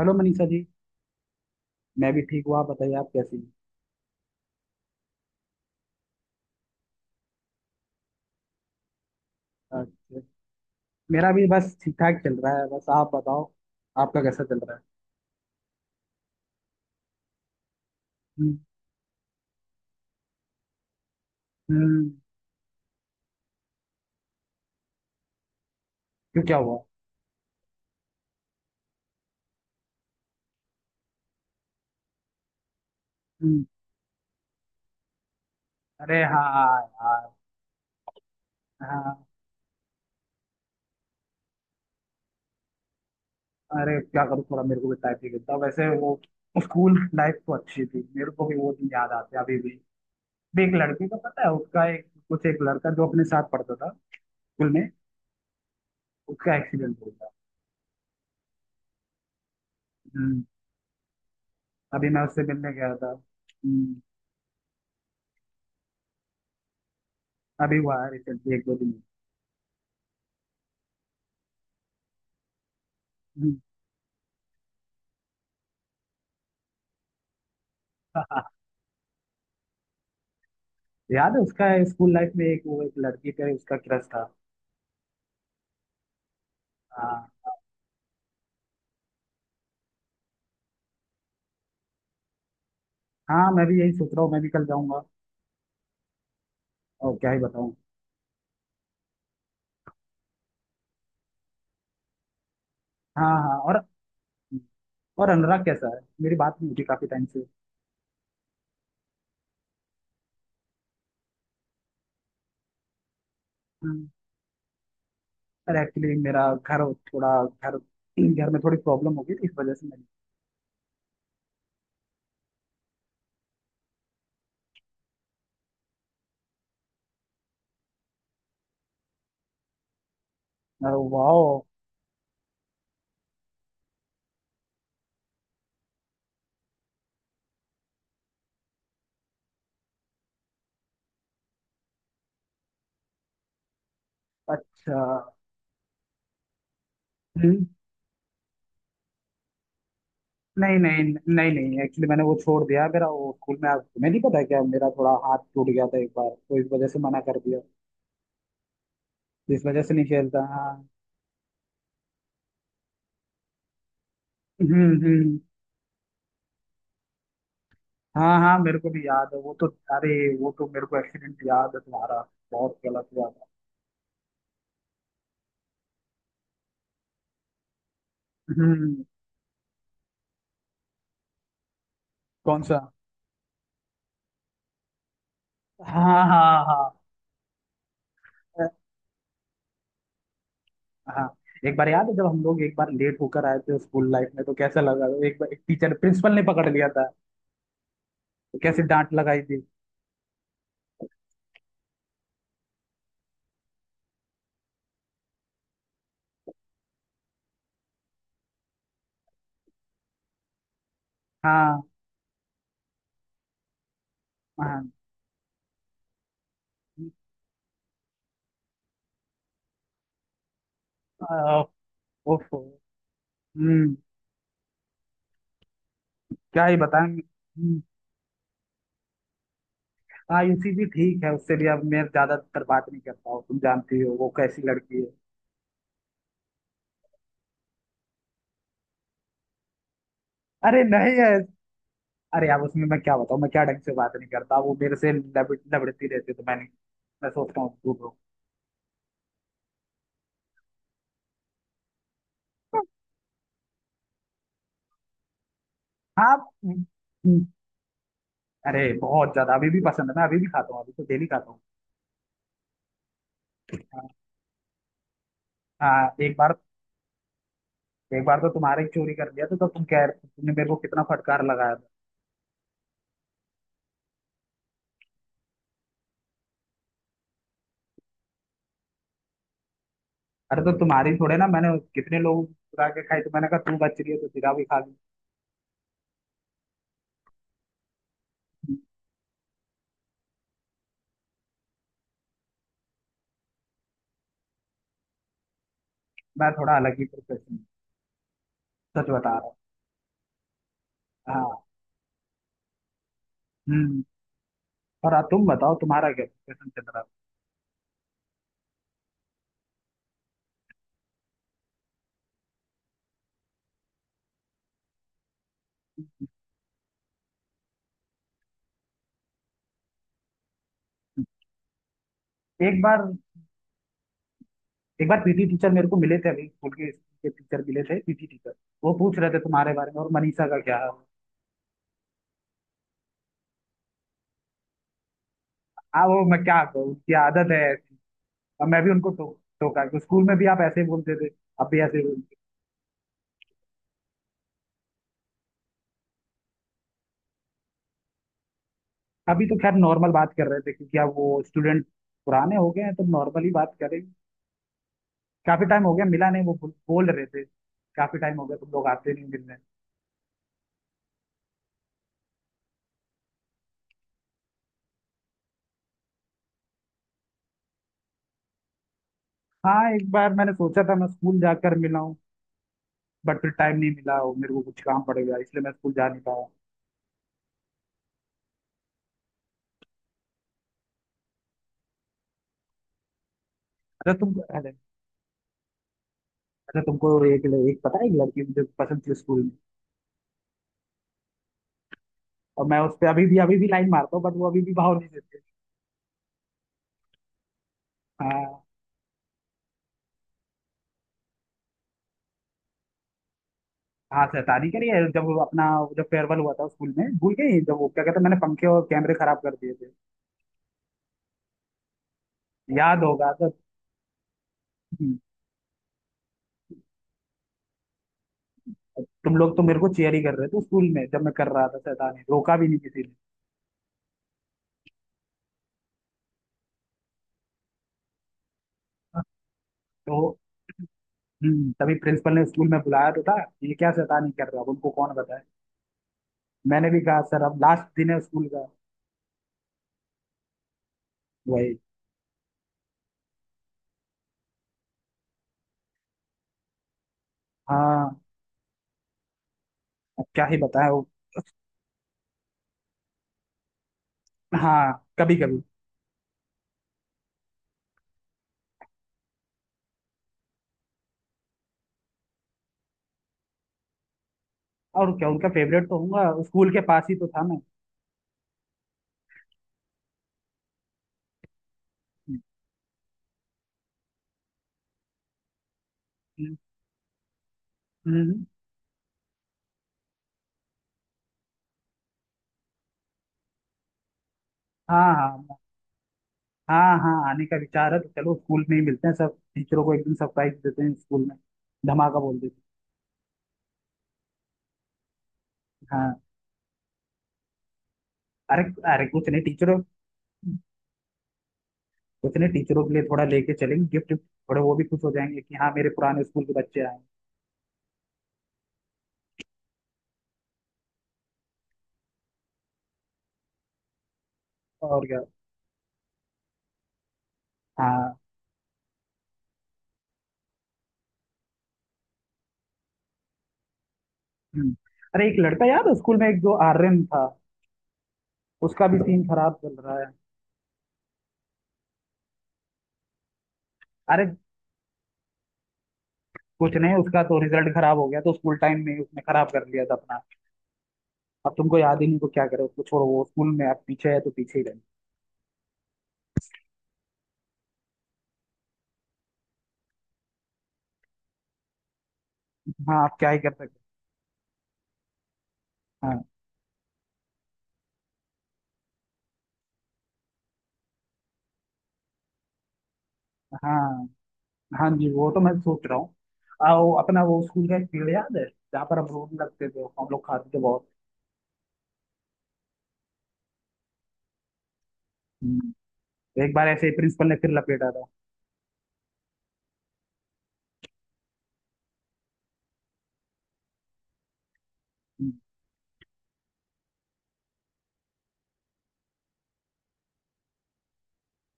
Hello Manisha ji. मैं भी ठीक हूँ, आप बताइए आप कैसी हैं? अच्छा, मेरा भी बस ठीक ठाक चल रहा है। बस आप बताओ, आपका कैसा चल रहा है? हम्म। हम्म, क्यों क्या हुआ? हम्म। अरे हाँ यार। हाँ, अरे क्या करूँ, थोड़ा मेरे को भी टाइम नहीं मिलता वैसे। वो स्कूल लाइफ तो अच्छी थी, मेरे को भी वो दिन याद आते हैं अभी भी। भी एक लड़के का पता है, उसका एक कुछ एक लड़का जो अपने साथ पढ़ता था स्कूल में, उसका एक्सीडेंट हो गया। हम्म। अभी मैं उससे मिलने गया था। हम्म। अभी हुआ है रिसेंटली, एक दो दिन। हम्म। याद है उसका स्कूल लाइफ में एक वो एक लड़की पे उसका क्रश था। हाँ। हाँ मैं भी यही सोच रहा हूँ, मैं भी कल जाऊंगा। और क्या ही बताऊं। हाँ हाँ। और अनुराग कैसा है? मेरी बात नहीं होती काफी टाइम से। हम्म, अरे एक्चुअली मेरा घर, थोड़ा घर घर में थोड़ी प्रॉब्लम हो गई थी, इस वजह से मैंने। वाह। अच्छा। हम्म, नहीं नहीं। नहीं नहीं, एक्चुअली मैंने वो छोड़ दिया। मेरा वो स्कूल में तुम्हें नहीं पता है क्या, मेरा थोड़ा हाथ टूट गया था एक बार, तो इस वजह से मना कर दिया। इस वजह से नहीं खेलता। हाँ। हम्म। हाँ हाँ, मेरे को भी याद है वो तो। अरे, वो तो मेरे को एक्सीडेंट याद है तुम्हारा, बहुत गलत हुआ था। हम्म। कौन सा? हाँ हाँ हाँ। हाँ, एक बार याद है जब हम लोग एक बार लेट होकर आए थे स्कूल लाइफ में, तो कैसा लगा, एक बार एक टीचर प्रिंसिपल ने पकड़ लिया था, तो कैसे डांट लगाई थी। हाँ। हाँ। अ, ओफो। हम्म, क्या ही बताएं। हाँ यूसी भी ठीक है। उससे भी अब मैं ज्यादातर बात नहीं करता हूँ, तुम जानती हो वो कैसी लड़की है। अरे नहीं है। अरे यार, उसमें मैं क्या बताऊँ, मैं क्या ढंग से बात नहीं करता? वो मेरे से लबड़ती रहती है, तो मैंने, मैं सोचता हूँ दूर रहो। हाँ। हम्म, हम्म, अरे बहुत ज्यादा अभी भी पसंद है। मैं अभी भी खाता हूँ, अभी तो डेली खाता हूँ। हाँ। हाँ, एक बार। एक बार तो तुम्हारे ही चोरी कर लिया था, तो तुम कह रहे, तुमने मेरे को कितना फटकार लगाया था। अरे तो तुम्हारी थोड़े ना, मैंने कितने लोग चुरा के खाई, तो मैंने कहा तू बच रही है तो तेरा भी खा ली। मैं थोड़ा अलग ही प्रोफेशन, सच बता रहा हूँ। हाँ। हम्म। और तुम बताओ, तुम्हारा क्या प्रोफेशन चल रहा है? एक बार, एक बार पीटी टीचर मेरे को मिले थे। अभी स्कूल के टीचर मिले थे, पीटी टीचर। वो पूछ रहे थे तुम्हारे बारे में, और मनीषा का क्या हाल है। हाँ वो मैं क्या कहूँ, उनकी आदत है ऐसी। अब मैं भी उनको टोका कि स्कूल में भी आप ऐसे ही बोलते थे, अब भी ऐसे ही बोलते हो। अभी तो खैर नॉर्मल बात कर रहे थे, क्योंकि अब वो स्टूडेंट पुराने हो गए हैं तो नॉर्मली बात करें। काफी टाइम हो गया मिला नहीं, वो बोल बोल रहे थे काफी टाइम हो गया तुम लोग आते नहीं मिलने। हाँ, एक बार मैंने सोचा था मैं स्कूल जाकर मिला हूँ, बट फिर टाइम नहीं मिला और मेरे को कुछ काम पड़ गया, इसलिए मैं स्कूल जा नहीं पाया। अच्छा तुम, अच्छा तुमको एक, एक पता है, एक लड़की मुझे पसंद थी स्कूल में, और मैं उस पे अभी भी लाइन मारता हूँ, बट वो अभी भी भाव नहीं देती। हाँ। हाँ शैतानी करी है, जब वो अपना, जब फेयरवेल हुआ था स्कूल में, भूल गई जब वो क्या कहते हैं, मैंने पंखे और कैमरे खराब कर दिए थे, याद होगा तो। हम्म, तुम लोग तो मेरे को चेयर ही कर रहे थे स्कूल में, जब मैं कर रहा था शैतानी, रोका भी नहीं किसी ने। तो तभी प्रिंसिपल ने स्कूल में बुलाया तो था, ये क्या शैतानी कर रहा है, उनको कौन बताए। मैंने भी कहा सर अब लास्ट दिन है स्कूल का, वही। हाँ, अब क्या ही बताएं वो। हाँ कभी कभी। और क्या उनका फेवरेट तो होगा, स्कूल के पास ही तो था मैं। हम्म, हम्म, हाँ हाँ हाँ। हाँ आने का विचार है, तो चलो स्कूल में ही मिलते हैं, सब टीचरों को एक दिन सरप्राइज देते हैं स्कूल में, धमाका बोल देते हैं। हाँ, अरे, अरे कुछ नहीं टीचरों, कुछ नहीं टीचरों के लिए थोड़ा लेके चलेंगे गिफ्ट, थोड़े वो भी खुश हो जाएंगे कि हाँ मेरे पुराने स्कूल के बच्चे आए हैं। और क्या। हाँ। हम्म। अरे एक लड़का याद है स्कूल में एक जो आर्यन था, उसका भी सीन खराब चल रहा है। अरे कुछ नहीं, उसका तो रिजल्ट खराब हो गया, तो स्कूल टाइम में ही उसने खराब कर लिया था अपना। अब तुमको याद ही नहीं तो क्या करें, उसको छोड़ो, वो स्कूल में आप पीछे है तो पीछे ही रहे। हाँ आप क्या ही कर सकते हैं। हाँ। हाँ हाँ जी वो तो मैं सोच रहा हूँ। वो अपना, वो स्कूल का एक पेड़ याद है जहाँ पर हम रोड लगते थे, हम लोग खाते थे बहुत। हम्म। एक बार ऐसे ही प्रिंसिपल ने फिर लपेटा था। हम्म।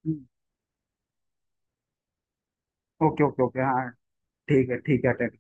हम्म। Okay okay okay. हाँ ठीक है ठीक है, अटेंड।